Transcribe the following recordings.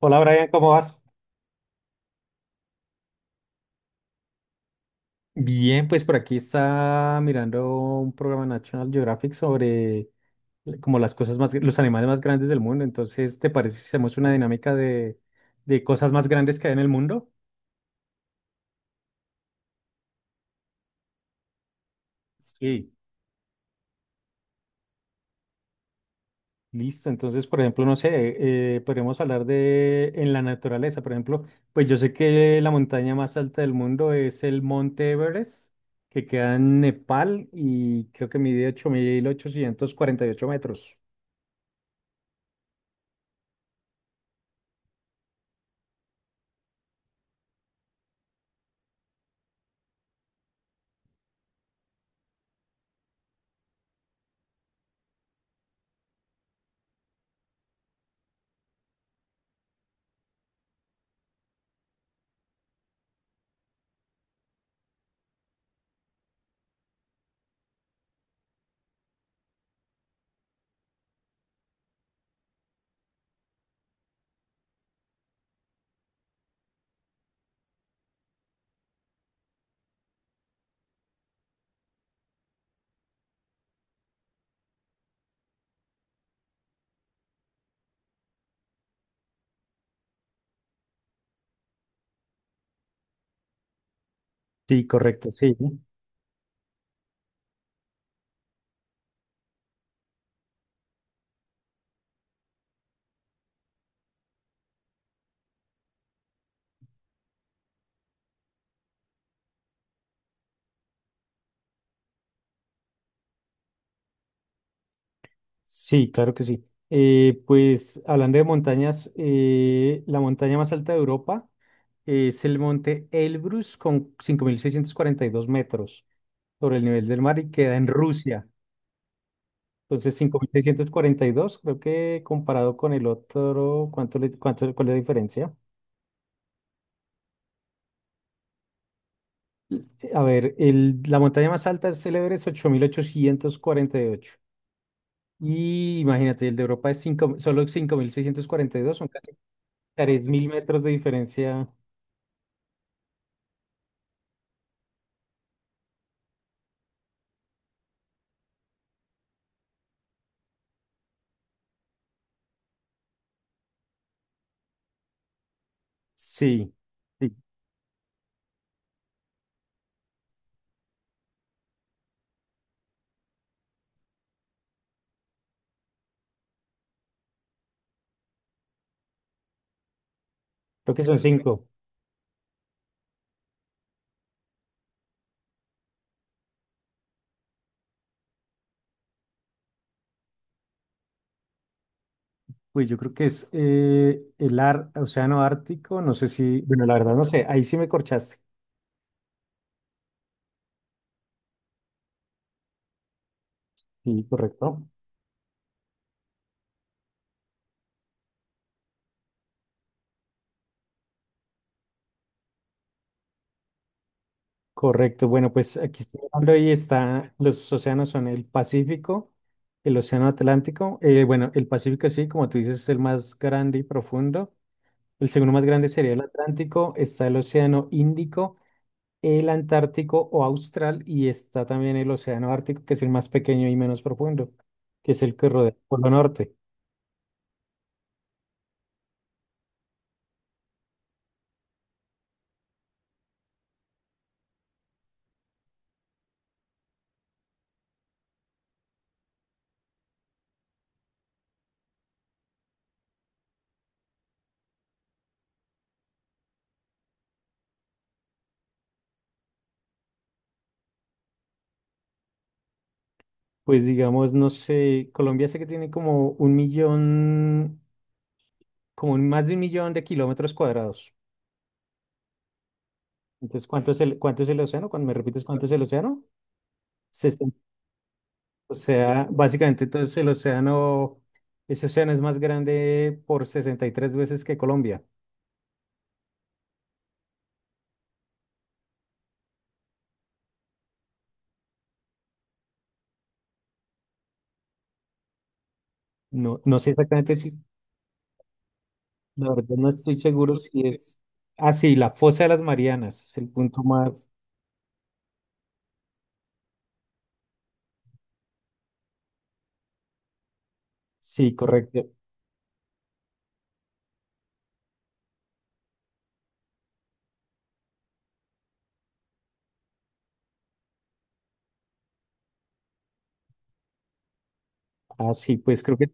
Hola Brian, ¿cómo vas? Bien, pues por aquí está mirando un programa National Geographic sobre como las cosas más, los animales más grandes del mundo. Entonces, ¿te parece si hacemos una dinámica de, cosas más grandes que hay en el mundo? Sí, listo. Entonces, por ejemplo, no sé, podríamos hablar de en la naturaleza. Por ejemplo, pues yo sé que la montaña más alta del mundo es el Monte Everest, que queda en Nepal y creo que mide 8.848 metros. Sí, correcto, sí. Sí, claro que sí. Pues hablando de montañas, la montaña más alta de Europa es el monte Elbrus con 5.642 metros sobre el nivel del mar y queda en Rusia. Entonces, 5.642, creo que comparado con el otro, cuál es la diferencia? A ver, la montaña más alta es el Everest, 8.848 y imagínate, el de Europa es solo 5.642, son casi 3.000 metros de diferencia. Sí, sí, creo que son cinco. Uy, yo creo que es Océano Ártico, no sé si, bueno, la verdad no sé, ahí sí me corchaste. Sí, correcto. Correcto, bueno, pues aquí estoy hablando y está, los océanos son el Pacífico, el Océano Atlántico, bueno, el Pacífico sí, como tú dices, es el más grande y profundo. El segundo más grande sería el Atlántico, está el Océano Índico, el Antártico o Austral y está también el Océano Ártico, que es el más pequeño y menos profundo, que es el que rodea el Polo Norte. Pues digamos, no sé, Colombia sé que tiene como un millón, como más de un millón de kilómetros cuadrados. Entonces, ¿cuánto es el océano? Cuando me repites, ¿cuánto es el océano? Sesenta O sea, básicamente entonces el océano, ese océano es más grande por 63 veces que Colombia. No, no sé exactamente si. La verdad no estoy seguro si. es... Ah, sí, la fosa de las Marianas es el punto más. Sí, correcto. Ah, sí, pues creo que,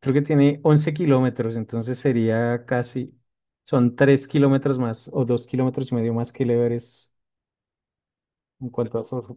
creo que tiene 11 kilómetros, entonces sería casi. Son 3 kilómetros más o 2,5 kilómetros más que el Everest en cuanto a forro.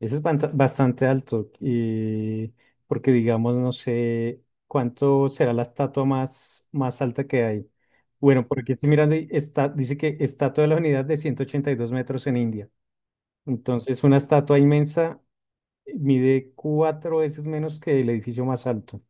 Ese es bastante alto, y porque digamos, no sé cuánto será la estatua más alta que hay. Bueno, porque estoy mirando y está, dice que estatua de la unidad de 182 metros en India. Entonces, una estatua inmensa mide cuatro veces menos que el edificio más alto.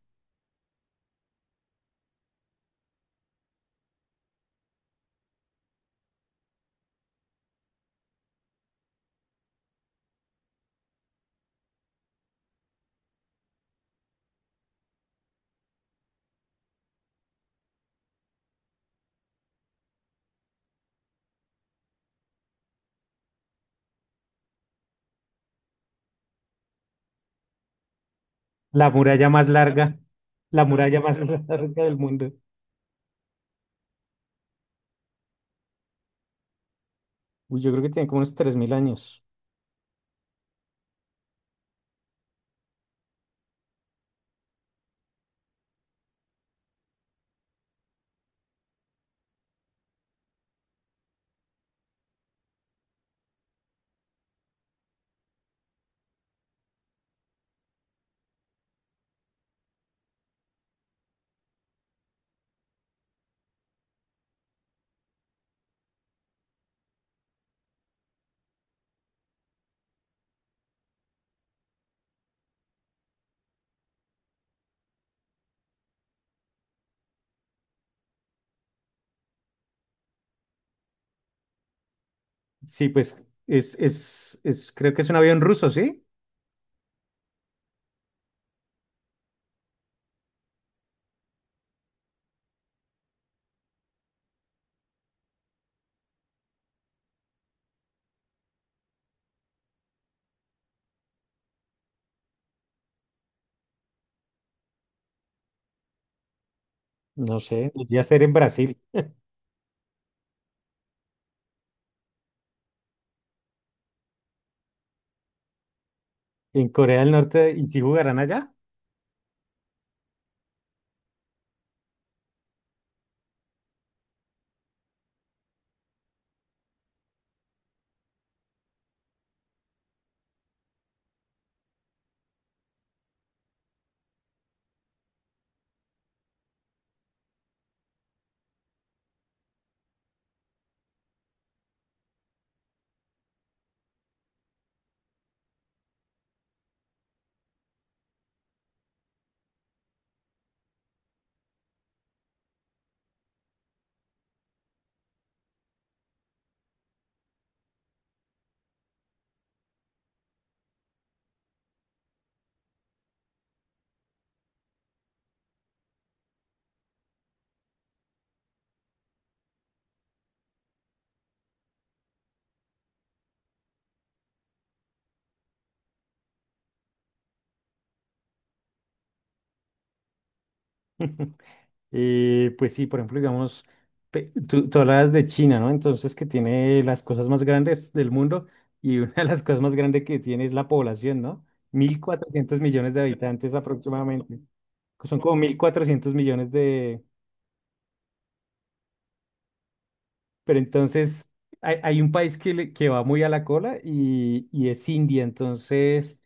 La muralla más larga, la muralla más larga del mundo. Uy, yo creo que tiene como unos 3.000 años. Sí, pues creo que es un avión ruso, ¿sí? No sé, debería ser en Brasil, en Corea del Norte, ¿y si jugarán allá? Pues sí, por ejemplo, digamos, tú hablabas de China, ¿no? Entonces, que tiene las cosas más grandes del mundo y una de las cosas más grandes que tiene es la población, ¿no? 1.400 millones de habitantes aproximadamente. Son como 1.400 millones de. Pero entonces hay un país que, que va muy a la cola y es India. Entonces,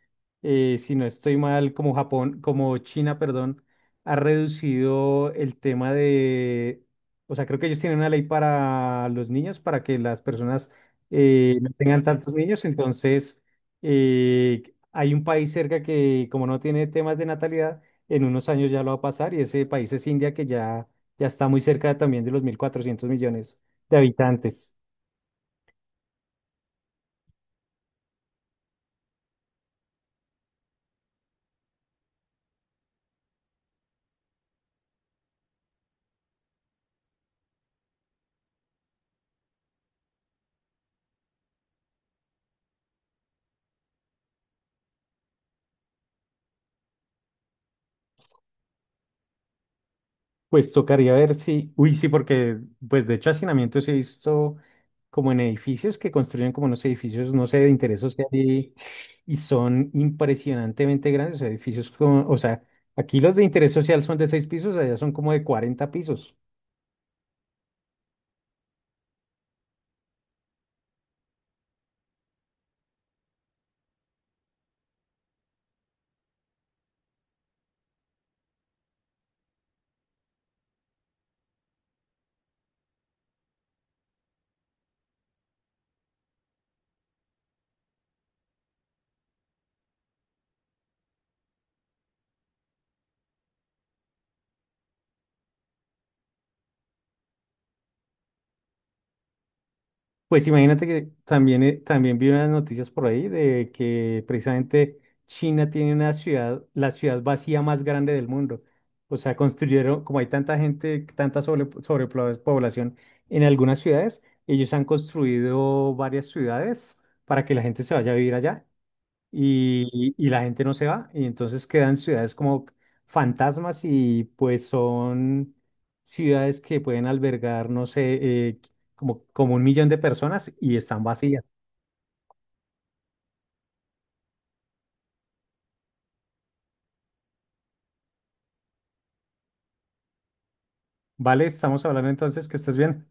si no estoy mal, como Japón, como China, perdón, ha reducido el tema de, o sea, creo que ellos tienen una ley para los niños, para que las personas no tengan tantos niños. Entonces, eh, hay un país cerca que como no tiene temas de natalidad, en unos años ya lo va a pasar y ese país es India que ya está muy cerca también de los 1.400 millones de habitantes. Pues tocaría ver si, uy, sí, porque pues de hecho hacinamientos he visto como en edificios que construyen como unos edificios, no sé, de interés social y son impresionantemente grandes, o sea, edificios como, o sea, aquí los de interés social son de seis pisos, allá son como de 40 pisos. Pues imagínate que también, también vi unas noticias por ahí de que precisamente China tiene una ciudad, la ciudad vacía más grande del mundo. O sea, construyeron, como hay tanta gente, tanta sobrepoblación en algunas ciudades, ellos han construido varias ciudades para que la gente se vaya a vivir allá y la gente no se va, y entonces quedan ciudades como fantasmas y pues son ciudades que pueden albergar, no sé, como un millón de personas y están vacías. ¿Vale? Estamos hablando entonces que estés bien.